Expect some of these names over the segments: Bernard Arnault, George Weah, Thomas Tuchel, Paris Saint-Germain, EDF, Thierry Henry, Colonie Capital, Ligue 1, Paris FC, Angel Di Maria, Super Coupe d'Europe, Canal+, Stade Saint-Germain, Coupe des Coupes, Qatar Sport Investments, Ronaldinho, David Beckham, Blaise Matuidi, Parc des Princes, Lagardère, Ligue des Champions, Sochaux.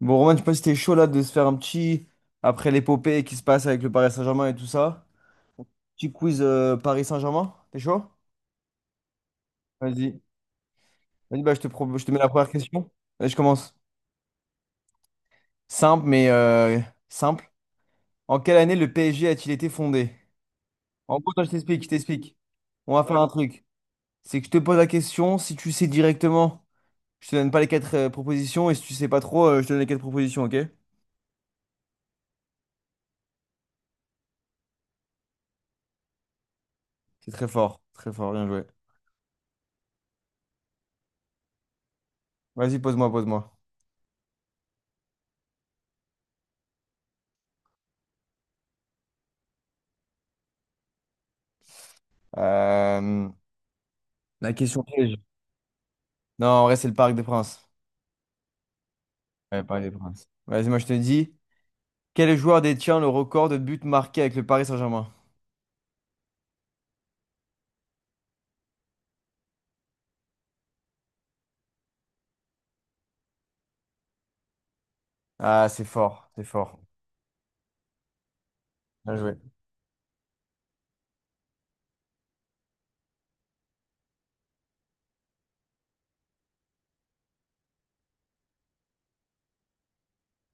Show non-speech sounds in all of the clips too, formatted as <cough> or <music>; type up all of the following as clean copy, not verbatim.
Bon, Romain, je sais pas si t'es chaud là de se faire un petit, après l'épopée qui se passe avec le Paris Saint-Germain et tout ça, petit quiz Paris Saint-Germain, t'es chaud? Vas-y. Vas-y, bah, je te mets la première question. Allez, je commence. Simple, mais simple. En quelle année le PSG a-t-il été fondé? En gros, attends, je t'explique, je t'explique. On va faire un truc. C'est que je te pose la question, si tu sais directement, je te donne pas les quatre propositions, et si tu sais pas trop, je te donne les quatre propositions, ok? C'est très fort, bien joué. Vas-y, pose-moi, pose-moi. Euh, la question piège. Non, en vrai, c'est le Parc des Princes. Ouais, Paris des Princes. Vas-y, moi, je te dis. Quel joueur détient le record de buts marqués avec le Paris Saint-Germain? Ah, c'est fort, c'est fort. Bien joué.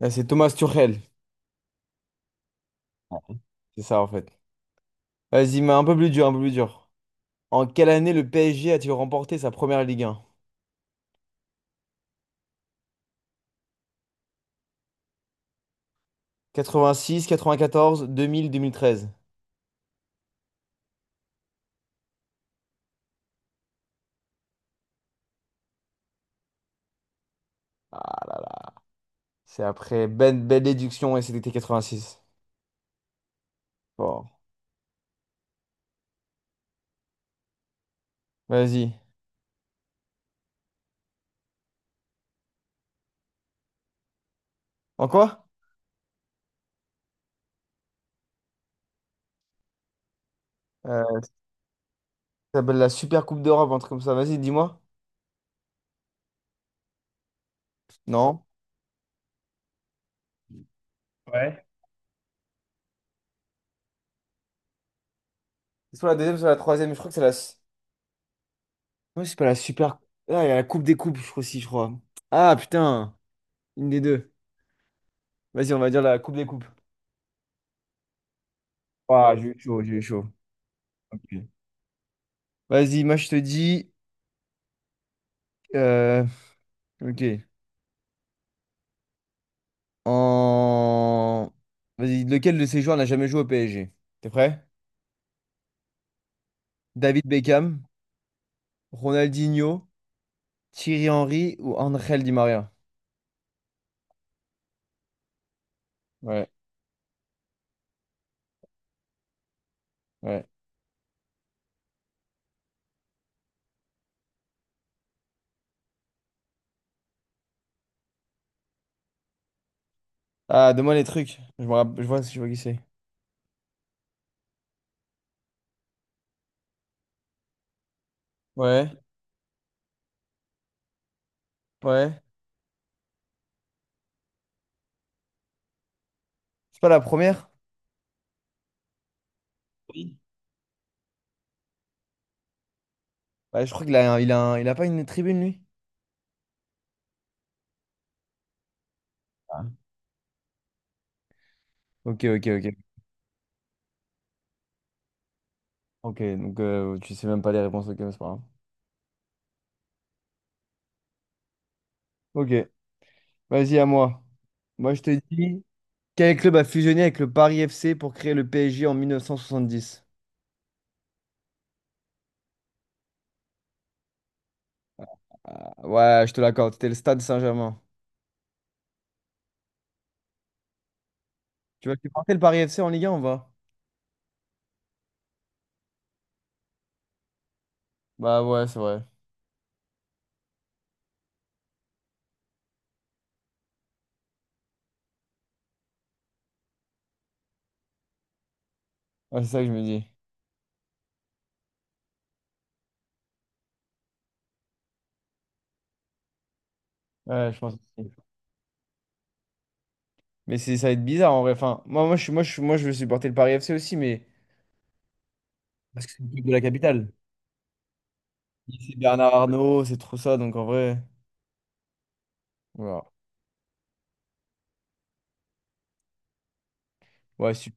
Là, c'est Thomas Tuchel. C'est ça, en fait. Vas-y, mais un peu plus dur, un peu plus dur. En quelle année le PSG a-t-il remporté sa première Ligue 1? 86, 94, 2000, 2013. Ah là là. C'est après belle, belle déduction et c'était 86. Bon, vas-y. En quoi? Euh, Ça s'appelle la Super Coupe d'Europe, un truc comme ça. Vas-y, dis-moi. Non. Ouais. C'est soit la deuxième, soit la troisième. Je crois que c'est la. Ouais, c'est pas la super. Ah, il y a la Coupe des Coupes, je crois aussi, je crois. Ah, putain, une des deux. Vas-y, on va dire la Coupe des Coupes. Ah, j'ai eu chaud, j'ai eu chaud. Ok. Vas-y, moi, je te dis. euh, Ok. En. Vas-y, lequel de ces joueurs n'a jamais joué au PSG? T'es prêt? David Beckham, Ronaldinho, Thierry Henry ou Angel Di Maria? Ouais, ouais. Ah, donne-moi les trucs. Je vois qui c'est. Ouais, ouais. C'est pas la première? Ouais, je crois qu'il a, il a, un- il a pas une tribune, lui. Ah. Ok, ok, ok. Ok, donc tu sais même pas les réponses, ok, mais c'est pas grave. Ok, vas-y, à moi. Moi, je te dis, quel club a fusionné avec le Paris FC pour créer le PSG en 1970? Ah, ouais, je te l'accorde, c'était le Stade Saint-Germain. Tu vois, tu portais le Paris FC en Ligue 1, on va? Bah ouais, c'est vrai. Ouais, c'est ça que je me dis. Ouais, je pense aussi. Mais c'est, ça va être bizarre en vrai. Enfin, moi, je veux supporter le Paris FC aussi, mais parce que c'est une équipe de la capitale. C'est Bernard Arnault, c'est trop ça, donc en vrai. Voilà. Ouais, super.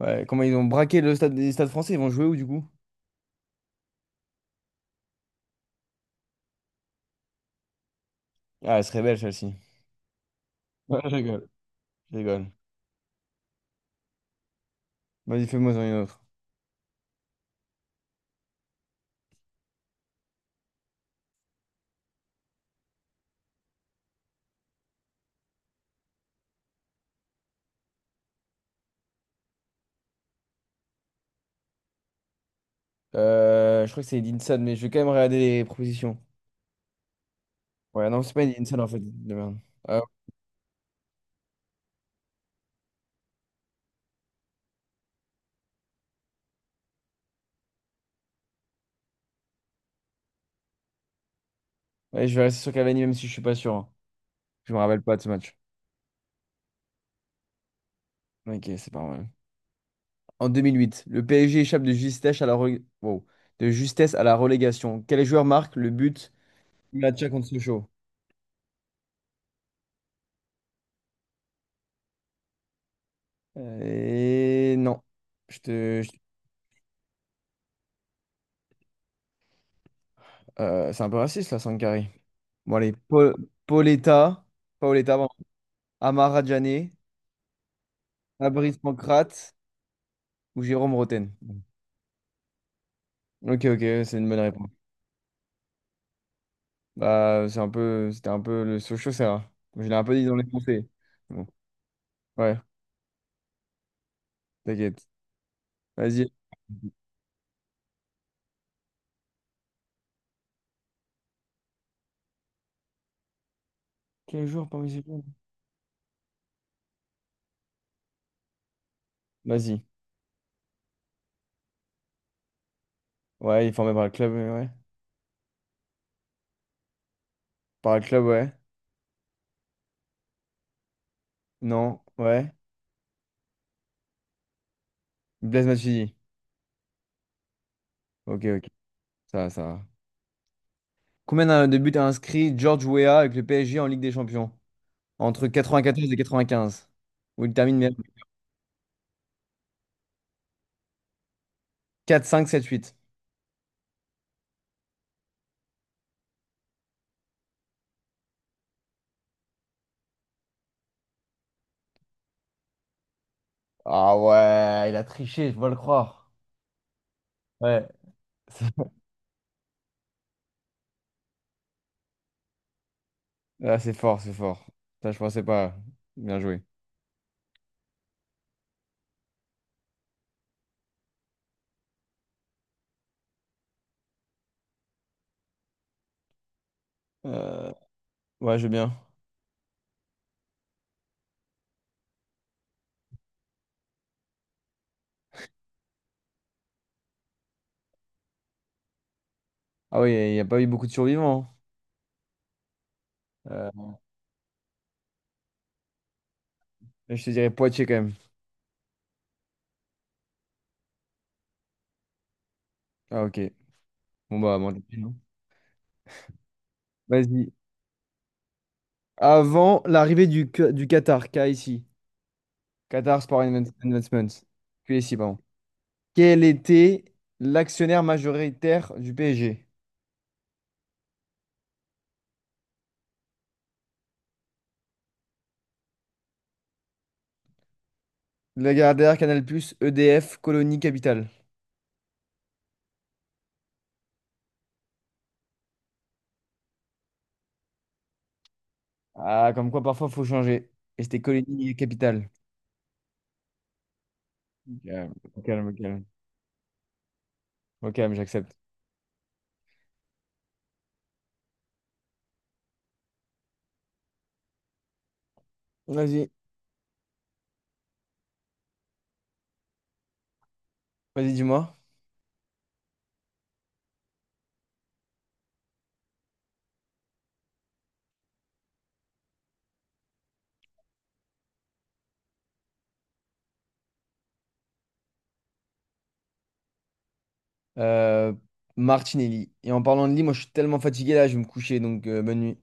Ouais, comment ils ont braqué le stade des stades français, ils vont jouer où du coup? Ah, elle serait belle celle-ci. Ouais, je rigole, je rigole. Vas-y, fais-moi en une autre. Je crois que c'est Edinson, Sad, mais je vais quand même regarder les propositions. Ouais, non, c'est pas Edinson Sad en fait. De merde. Ah, ouais, ouais, je vais rester sur Cavani même si je suis pas sûr, hein. Je me rappelle pas de ce match. Ok, c'est pas mal. En 2008, le PSG échappe de justesse à la re- wow. de justesse à la relégation. Quel joueur marque le but du match contre Sochaux? Et non. Je te... je- c'est un peu raciste là, Sankari. Bon, allez, Pauletta, Paoletta, pardon. Amara Djane, Fabrice Pancrate ou Jérôme Roten. Ok, ok, c'est une bonne réponse. Bah, c'est un peu, c'était un peu le Sochaux, c'est. Je l'ai un peu dit dans les pensées. Bon, ouais, t'inquiète. Vas-y. Quel jour parmi ces clubs? Vas-y. Ouais, il est formé par le club, ouais. Par le club, ouais. Non, ouais. Blaise Matuidi. Ok, ok. Ça va, ça va. Combien de buts a inscrit George Weah avec le PSG en Ligue des Champions? Entre 94 et 95. Où il termine quatre, cinq, sept, huit. Ah ouais, il a triché, je dois le croire. Ouais. <laughs> Là c'est fort, c'est fort. Ça, je pensais pas. Bien joué. Euh, ouais, je veux bien. Ah oui, il n'y a pas eu beaucoup de survivants, hein. Je te dirais Poitiers quand même. Ah ok. Bon bah, bon, tant pis, non. Vas-y. Avant l'arrivée du Qatar, K ici. Qatar Sport Investments. QSI, pardon. Quel était l'actionnaire majoritaire du PSG? Lagardère, Canal+, EDF, Colonie Capital. Ah, comme quoi parfois faut changer. Et c'était colonie capitale. Calme, au calme, au calme. Au calme, j'accepte. Vas-y, vas-y, dis-moi. Euh, Martinelli. Et en parlant de lit, moi je suis tellement fatigué là, je vais me coucher, donc bonne nuit.